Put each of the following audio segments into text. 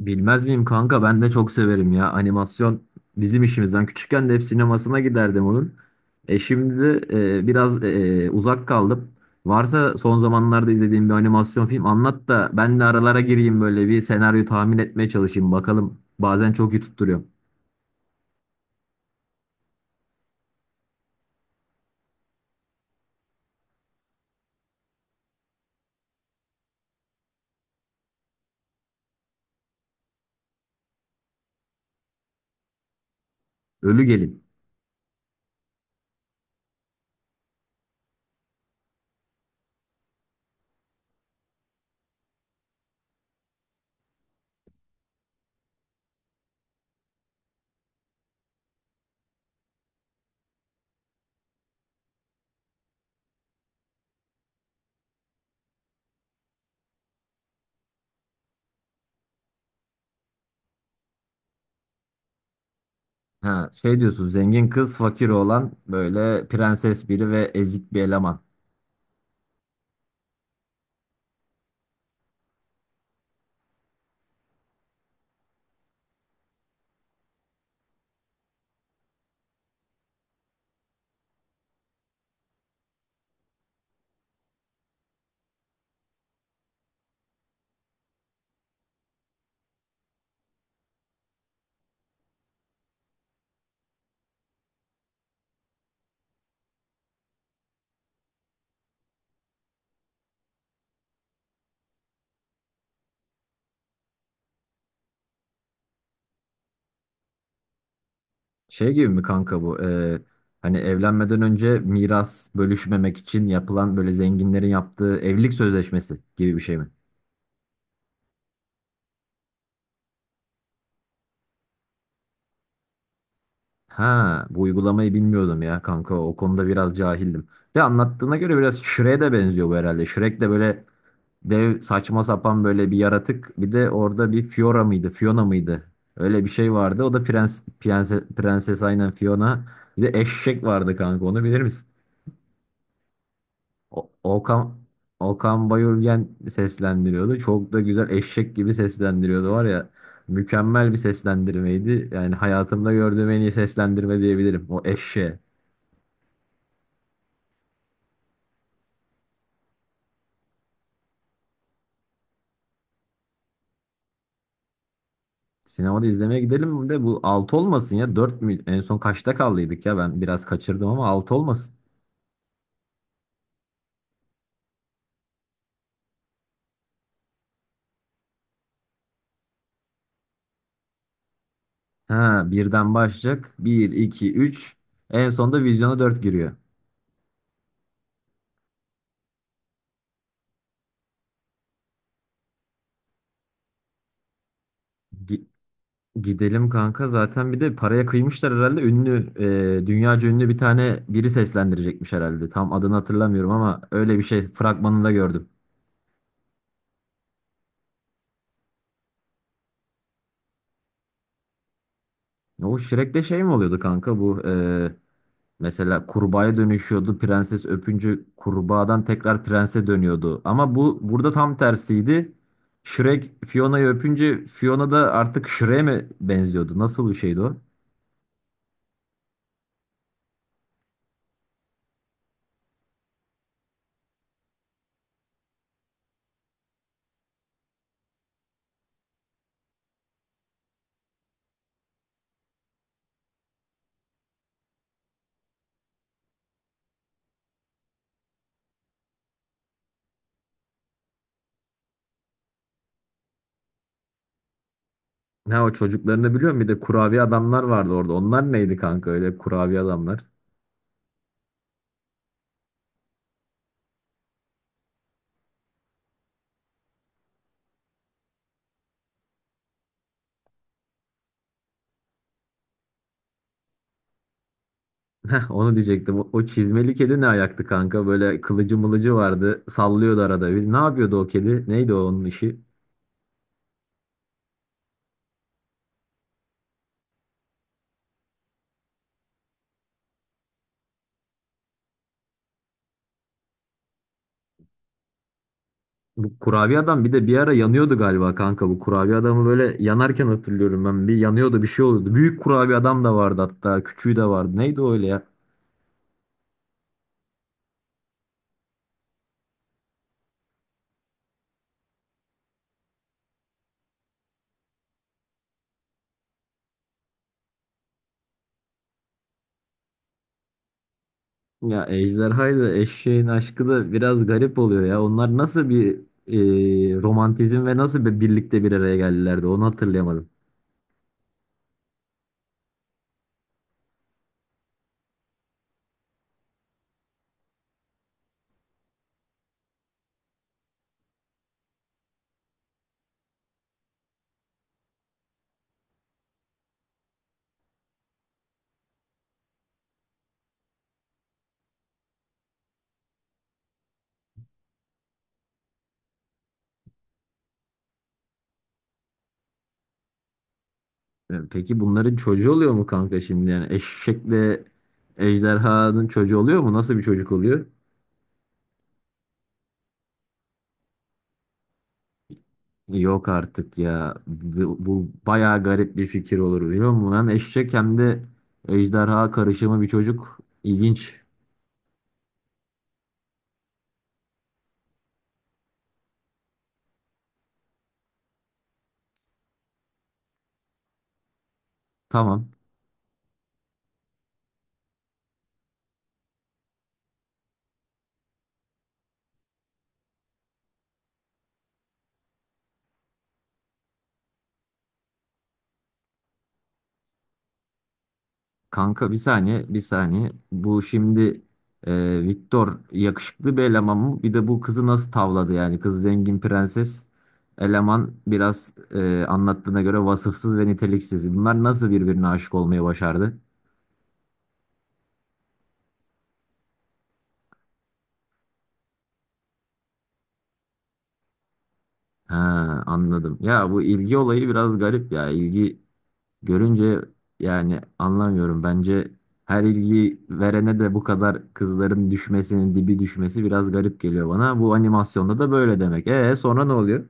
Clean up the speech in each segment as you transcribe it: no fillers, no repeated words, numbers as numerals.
Bilmez miyim kanka, ben de çok severim ya, animasyon bizim işimiz. Ben küçükken de hep sinemasına giderdim onun. E şimdi de biraz uzak kaldım. Varsa son zamanlarda izlediğim bir animasyon film anlat da ben de aralara gireyim, böyle bir senaryo tahmin etmeye çalışayım bakalım. Bazen çok iyi tutturuyor. Ölü Gelin. Ha, şey diyorsun, zengin kız fakir oğlan, böyle prenses biri ve ezik bir eleman. Şey gibi mi kanka bu? Hani evlenmeden önce miras bölüşmemek için yapılan, böyle zenginlerin yaptığı evlilik sözleşmesi gibi bir şey mi? Ha, bu uygulamayı bilmiyordum ya kanka. O konuda biraz cahildim. De anlattığına göre biraz Shrek'e de benziyor bu herhalde. Shrek de böyle dev, saçma sapan, böyle bir yaratık. Bir de orada bir Fiora mıydı? Fiona mıydı? Öyle bir şey vardı. O da prenses, aynen Fiona. Bir de eşek vardı kanka. Onu bilir misin? O- Okan Okan Bayülgen seslendiriyordu. Çok da güzel eşek gibi seslendiriyordu var ya. Mükemmel bir seslendirmeydi. Yani hayatımda gördüğüm en iyi seslendirme diyebilirim, o eşeğe. Sinemada izlemeye gidelim de bu 6 olmasın ya. Dört mü? En son kaçta kaldıydık ya? Ben biraz kaçırdım ama 6 olmasın. Ha, birden başlayacak. Bir, iki, üç. En sonunda vizyona 4 giriyor. Gidelim kanka, zaten bir de paraya kıymışlar herhalde, ünlü dünyaca ünlü bir tane biri seslendirecekmiş herhalde, tam adını hatırlamıyorum ama öyle bir şey fragmanında gördüm. O Shrek'te şey mi oluyordu kanka bu, mesela kurbağaya dönüşüyordu prenses, öpüncü kurbağadan tekrar prense dönüyordu, ama bu burada tam tersiydi. Shrek Fiona'yı öpünce Fiona da artık Shrek'e mi benziyordu, nasıl bir şeydi o? Ne o, çocuklarını biliyorum. Bir de kurabiye adamlar vardı orada. Onlar neydi kanka öyle, kurabiye adamlar? Heh, onu diyecektim. O çizmeli kedi ne ayaktı kanka? Böyle kılıcı mılıcı vardı. Sallıyordu arada. Bir, ne yapıyordu o kedi? Neydi o, onun işi? Bu kurabiye adam bir de bir ara yanıyordu galiba kanka. Bu kurabiye adamı böyle yanarken hatırlıyorum ben. Bir yanıyordu, bir şey oluyordu. Büyük kurabiye adam da vardı hatta. Küçüğü de vardı. Neydi o öyle ya? Ya ejderhaydı. Eşeğin aşkı da biraz garip oluyor ya. Onlar nasıl bir romantizm ve nasıl bir birlikte, bir araya geldilerdi, onu hatırlayamadım. E, peki bunların çocuğu oluyor mu kanka şimdi? Yani eşekle ejderhanın çocuğu oluyor mu? Nasıl bir çocuk oluyor? Yok artık ya. Bu bayağı garip bir fikir olur, biliyor musun? Hem eşek hem de ejderha karışımı bir çocuk. İlginç. Tamam. Kanka bir saniye, bir saniye. Bu şimdi Victor yakışıklı bir eleman mı? Bir de bu kızı nasıl tavladı yani? Kız zengin prenses. Eleman biraz anlattığına göre vasıfsız ve niteliksiz. Bunlar nasıl birbirine aşık olmayı başardı? Ha, anladım. Ya bu ilgi olayı biraz garip ya. İlgi görünce, yani anlamıyorum. Bence her ilgi verene de bu kadar kızların düşmesinin, dibi düşmesi biraz garip geliyor bana. Bu animasyonda da böyle demek. E sonra ne oluyor?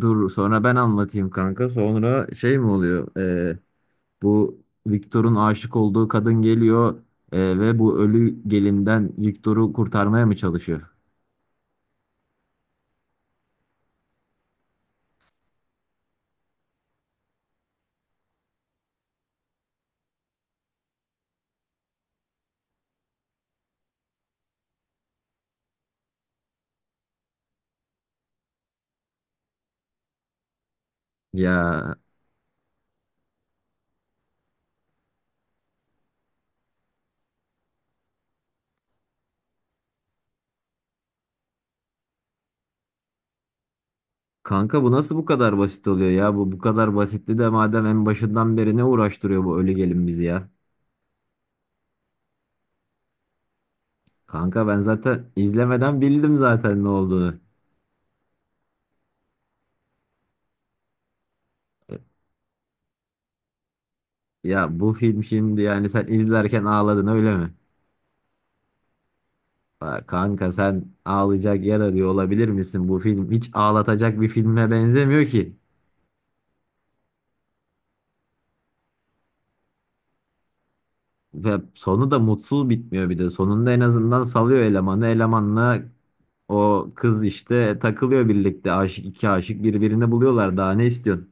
Dur sonra ben anlatayım kanka. Sonra şey mi oluyor? Bu Victor'un aşık olduğu kadın geliyor ve bu ölü gelinden Victor'u kurtarmaya mı çalışıyor? Ya kanka, bu nasıl bu kadar basit oluyor ya? Bu kadar basitti de madem, en başından beri ne uğraştırıyor bu ölü gelin bizi ya? Kanka ben zaten izlemeden bildim zaten ne olduğunu. Ya bu film şimdi, yani sen izlerken ağladın öyle mi? Aa, kanka sen ağlayacak yer arıyor olabilir misin? Bu film hiç ağlatacak bir filme benzemiyor ki. Ve sonu da mutsuz bitmiyor bir de. Sonunda en azından salıyor elemanı. Elemanla o kız işte takılıyor birlikte. Aşık iki aşık birbirini buluyorlar. Daha ne istiyorsun?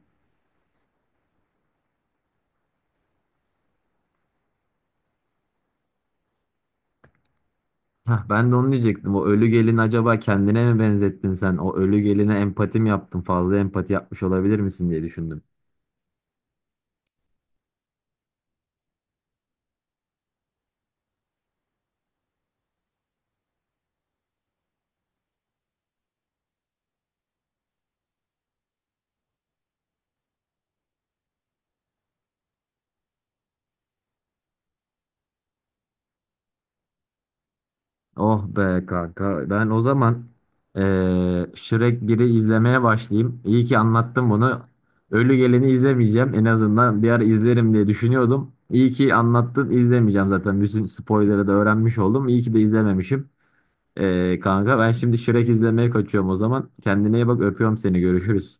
Hah, ben de onu diyecektim. O ölü gelin, acaba kendine mi benzettin sen? O ölü geline empati mi yaptın? Fazla empati yapmış olabilir misin diye düşündüm. Oh be kanka. Ben o zaman Shrek 1'i izlemeye başlayayım. İyi ki anlattım bunu. Ölü Gelen'i izlemeyeceğim. En azından bir ara izlerim diye düşünüyordum. İyi ki anlattın. İzlemeyeceğim zaten. Bütün spoiler'ı da öğrenmiş oldum. İyi ki de izlememişim. Kanka ben şimdi Shrek izlemeye kaçıyorum o zaman. Kendine iyi bak. Öpüyorum seni. Görüşürüz.